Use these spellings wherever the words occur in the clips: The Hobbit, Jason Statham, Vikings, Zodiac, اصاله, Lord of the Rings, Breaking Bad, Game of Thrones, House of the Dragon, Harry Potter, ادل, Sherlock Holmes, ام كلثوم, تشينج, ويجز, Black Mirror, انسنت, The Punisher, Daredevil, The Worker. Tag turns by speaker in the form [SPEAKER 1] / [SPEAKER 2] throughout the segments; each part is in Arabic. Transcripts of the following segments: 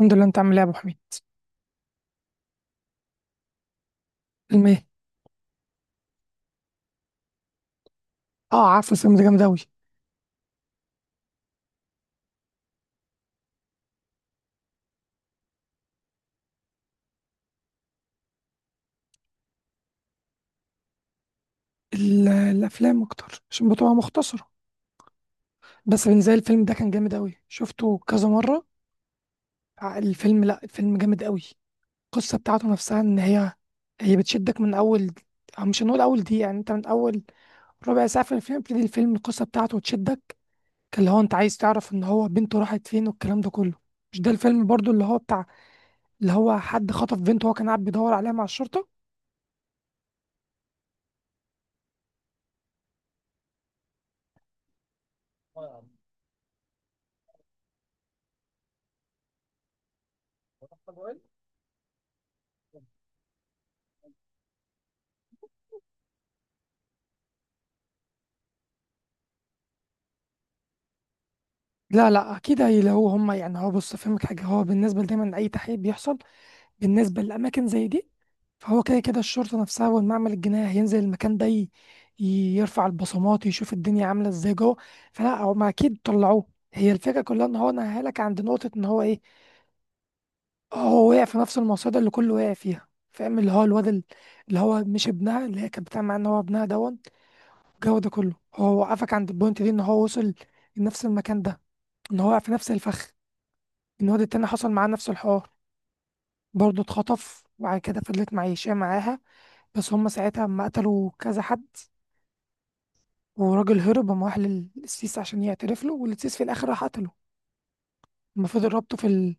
[SPEAKER 1] الحمد لله، انت عامل ايه يا ابو حميد؟ فيلم ايه؟ اه، عارفه الفيلم ده جامد اوي. الافلام اكتر عشان بتبقى مختصره. بس بالنسبه لي الفيلم ده كان جامد اوي، شفته كذا مره. الفيلم، لا الفيلم جامد اوي. القصه بتاعته نفسها ان هي بتشدك من اول، أو مش هنقول اول دقيقه، يعني انت من اول ربع ساعه في الفيلم بتبتدي الفيلم القصه بتاعته تشدك. اللي هو انت عايز تعرف ان هو بنته راحت فين والكلام ده كله. مش ده الفيلم برضو اللي هو بتاع، اللي هو حد خطف بنته وهو كان قاعد بيدور عليها مع الشرطه. لا لا، اكيد هي لو هم، يعني هو بص فهمك حاجه، هو بالنسبه دايما لاي تحقيق بيحصل بالنسبه لاماكن زي دي، فهو كده كده الشرطه نفسها والمعمل الجنائي هينزل المكان ده، يرفع البصمات يشوف الدنيا عامله ازاي جوه. فلا هم اكيد طلعوه. هي الفكره كلها ان هو نهى لك عند نقطه ان هو ايه، هو وقع في نفس المصيده اللي كله وقع فيها، فاهم؟ اللي هو الواد اللي هو مش ابنها، اللي هي كانت بتعمل معاه ان هو ابنها دون. الجو ده كله هو وقفك عند البوينت دي ان هو وصل لنفس المكان ده، ان هو وقع في نفس الفخ. الواد التاني حصل معاه نفس الحوار، برضه اتخطف وبعد كده فضلت معيشاه معاها. بس هم ساعتها اما قتلوا كذا حد، وراجل هرب قام راح للسيس عشان يعترف له، والسيس في الاخر راح قتله. اما فضل ربطه في ال...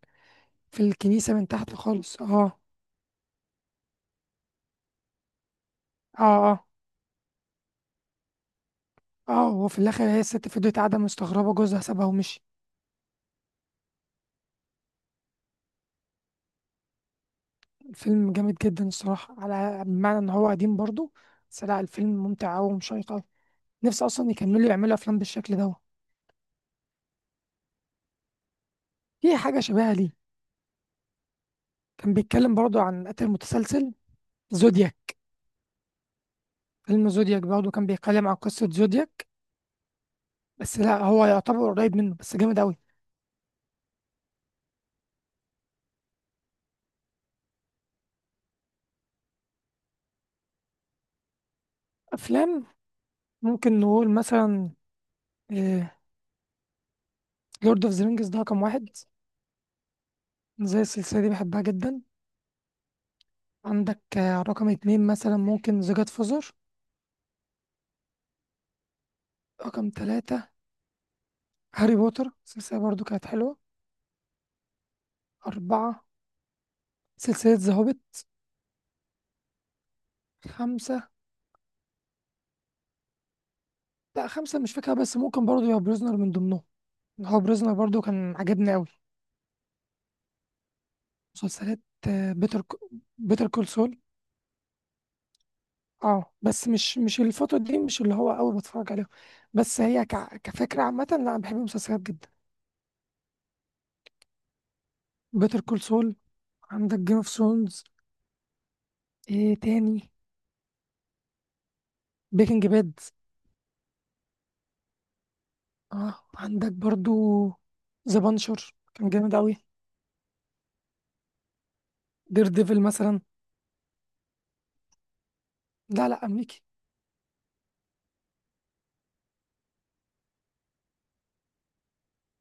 [SPEAKER 1] في الكنيسة من تحت خالص اه. اه اه اه، وفي الاخر هي الست فضلت قاعدة مستغربة جوزها سابها ومشي. الفيلم جامد جدا الصراحة، على بمعنى ان هو قديم برضه. بس لا، الفيلم ممتع أوي ومشيق أوي. نفسي اصلا يكملوا يعملوا افلام بالشكل ده. في حاجة شبيهة ليه، كان بيتكلم برضه عن قتل متسلسل، زودياك. فيلم زودياك برضه كان بيتكلم عن قصة زودياك. بس لا، هو يعتبر قريب منه بس جامد أوي. أفلام، ممكن نقول مثلا لورد اوف ذا رينجز، ده رقم واحد. زي السلسلة دي بحبها جدا. عندك رقم اتنين مثلا ممكن ذا جاد فوزر. رقم تلاتة هاري بوتر السلسلة برضه كانت حلوة. أربعة، سلسلة ذا هوبيت. خمسة، لا خمسة مش فاكرة، بس ممكن برضه يبقى بريزنر من ضمنهم. هو بريزنر برضه كان عجبني أوي. مسلسلات، بيتر، بيتر كول سول. اه بس مش الفترة دي، مش اللي هو أوي بتفرج عليها. بس هي ك... كفكرة عامة، لا أنا بحب المسلسلات جدا. بيتر كول سول. عندك جيم اوف ثرونز. ايه تاني؟ بريكنج باد. اه عندك برضو ذا بانشر كان جامد أوي. دير ديفل مثلا. لا لا، أمريكي.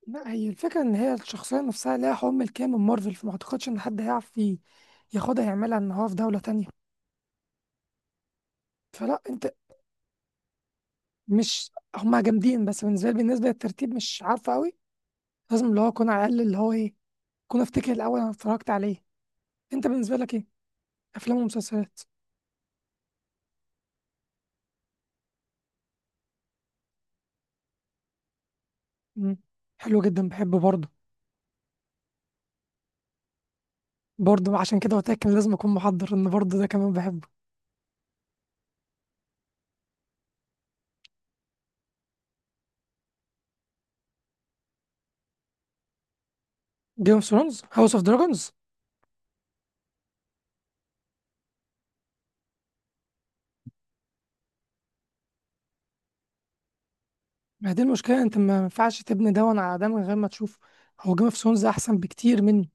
[SPEAKER 1] لا هي الفكرة إن هي الشخصية نفسها ليها حكم الكيان من مارفل، فما أعتقدش إن حد هيعرف ياخدها يعملها إن هو في دولة تانية. فلا أنت، مش هما جامدين بس بالنسبة لي، بالنسبة للترتيب مش عارفة أوي. لازم اللي هو اكون على الاقل اللي هو ايه، اكون افتكر الاول انا اتفرجت على ايه. انت بالنسبه لك ايه؟ افلام ومسلسلات. امم، حلو جدا بحبه برضه. برضه عشان كده قلت لك إن لازم اكون محضر ان برضه ده كمان بحبه. جيم اوف ثرونز، هاوس اوف دراجونز. ما هي دي المشكله، انت ما ينفعش تبني ده على ده من غير ما تشوف. هو جيم اوف ثرونز احسن بكتير منه.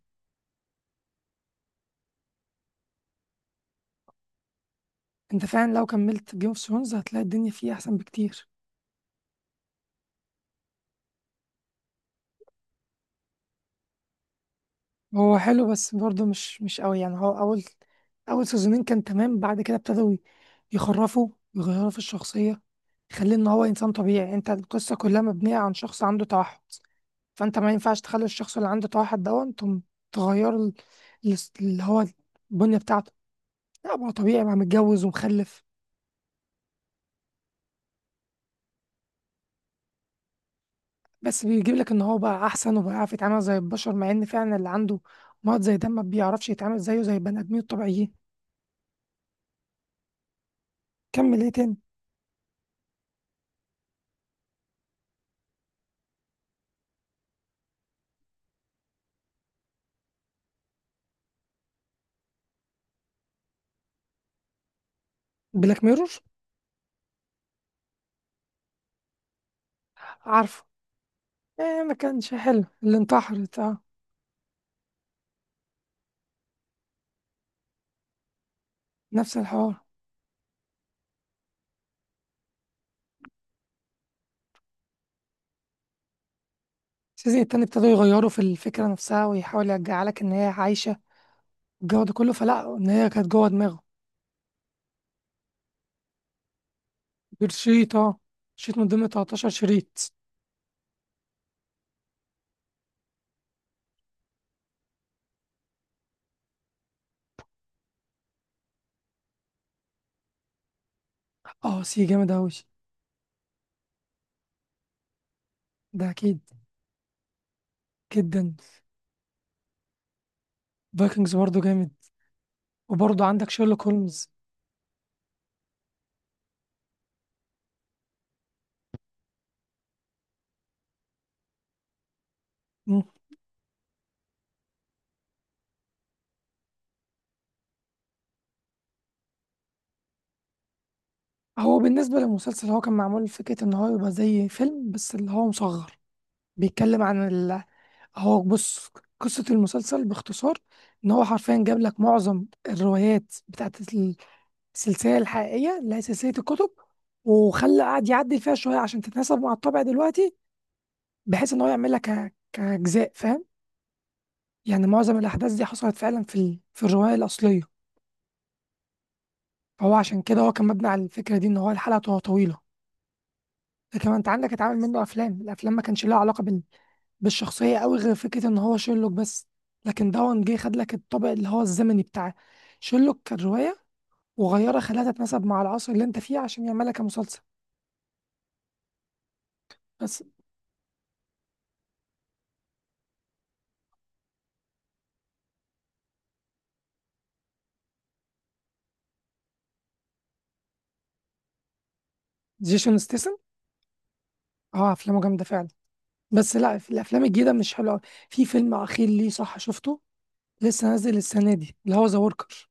[SPEAKER 1] انت فعلا لو كملت جيم اوف ثرونز هتلاقي الدنيا فيه احسن بكتير. هو حلو بس برضه مش قوي، يعني هو اول، اول سيزونين كان تمام، بعد كده ابتدوا يخرفوا ويغيروا في الشخصيه. يخليه ان هو انسان طبيعي، انت القصه كلها مبنيه عن شخص عنده توحد، فانت ما ينفعش تخلي الشخص اللي عنده توحد ده انتم تغيروا اللي هو البنيه بتاعته. لا ما هو طبيعي بقى متجوز ومخلف. بس بيجيب لك ان هو بقى احسن وبقى يعرف يتعامل زي البشر، مع ان فعلا اللي عنده مرض زي ده ما بيعرفش يتعامل زيه زي البني ادمين الطبيعيين. كمل، ايه تاني؟ بلاك ميرور، عارفه. إيه ما كانش حلو اللي انتحرت اه. نفس الحوار. السيزون التاني ابتدوا يغيروا في الفكرة نفسها ويحاول يرجع لك إن هي عايشة الجو ده كله، فلا إن هي كانت جوه دماغه. بالشريط اه، شريط من ضمن 13 شريط. اه سي جامد أوي، ده أكيد. جدا، فايكنجز برضه جامد. وبرضه عندك شيرلوك هولمز. مم. هو بالنسبة للمسلسل، هو كان معمول فكرة إن هو يبقى زي فيلم بس اللي هو مصغر. بيتكلم عن، هو بص، قصة المسلسل باختصار إن هو حرفيا جاب لك معظم الروايات بتاعت السلسلة الحقيقية اللي هي سلسلة الكتب، وخلى قعد يعدل فيها شوية عشان تتناسب مع الطبع دلوقتي، بحيث إن هو يعملها كأجزاء، فاهم؟ يعني معظم الأحداث دي حصلت فعلا في ال... في الرواية الأصلية. فهو عشان كده هو كان مبني على الفكرة دي إن هو الحلقة تبقى طويلة. لكن انت عندك اتعمل منه افلام، الافلام ما كانش لها علاقه بال... بالشخصيه قوي غير فكره ان هو شيرلوك بس. لكن دون جه خد لك الطابع اللي هو الزمني بتاع شيرلوك كروايه، وغيرها خلاها تتناسب مع العصر اللي انت فيه عشان يعملها كمسلسل. بس جيسون ستيسن، اه افلامه جامده فعلا. بس لا، في الافلام الجديده مش حلوه أوي. في فيلم اخير ليه صح، شفته؟ لسه نازل السنه دي اللي هو ذا وركر.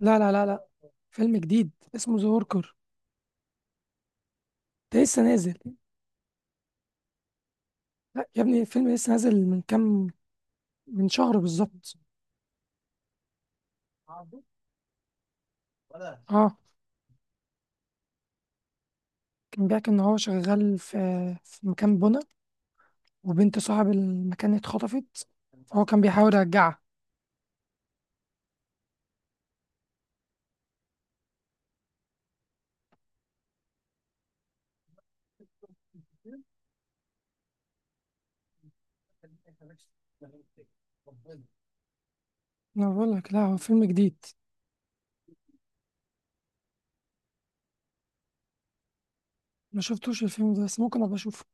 [SPEAKER 1] لا لا لا لا، فيلم جديد اسمه ذا وركر، ده لسه نازل. لا يا ابني الفيلم لسه نازل من كام، من شهر بالظبط. اه. كان بيحكي إن هو شغال في مكان بنا، وبنت صاحب المكان اتخطفت، فهو كان بيحاول يرجعها. أنا بقول لك لا، هو فيلم جديد. ما شفتوش الفيلم ده، بس ممكن أبقى أشوفه.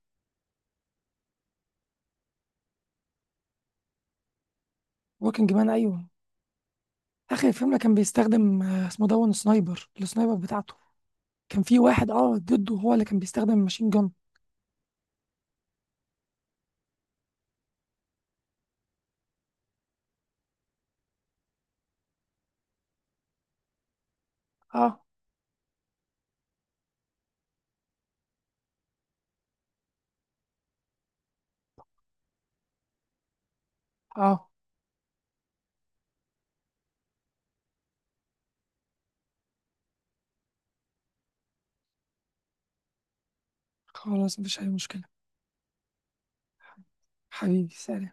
[SPEAKER 1] وركينج مان أيوه. آخر فيلم كان بيستخدم اسمه دون سنايبر، السنايبر بتاعته. كان في واحد أه ضده هو اللي كان بيستخدم ماشين جون. أه. أه. خلاص، مفيش أي مشكلة. حبيبي سلام.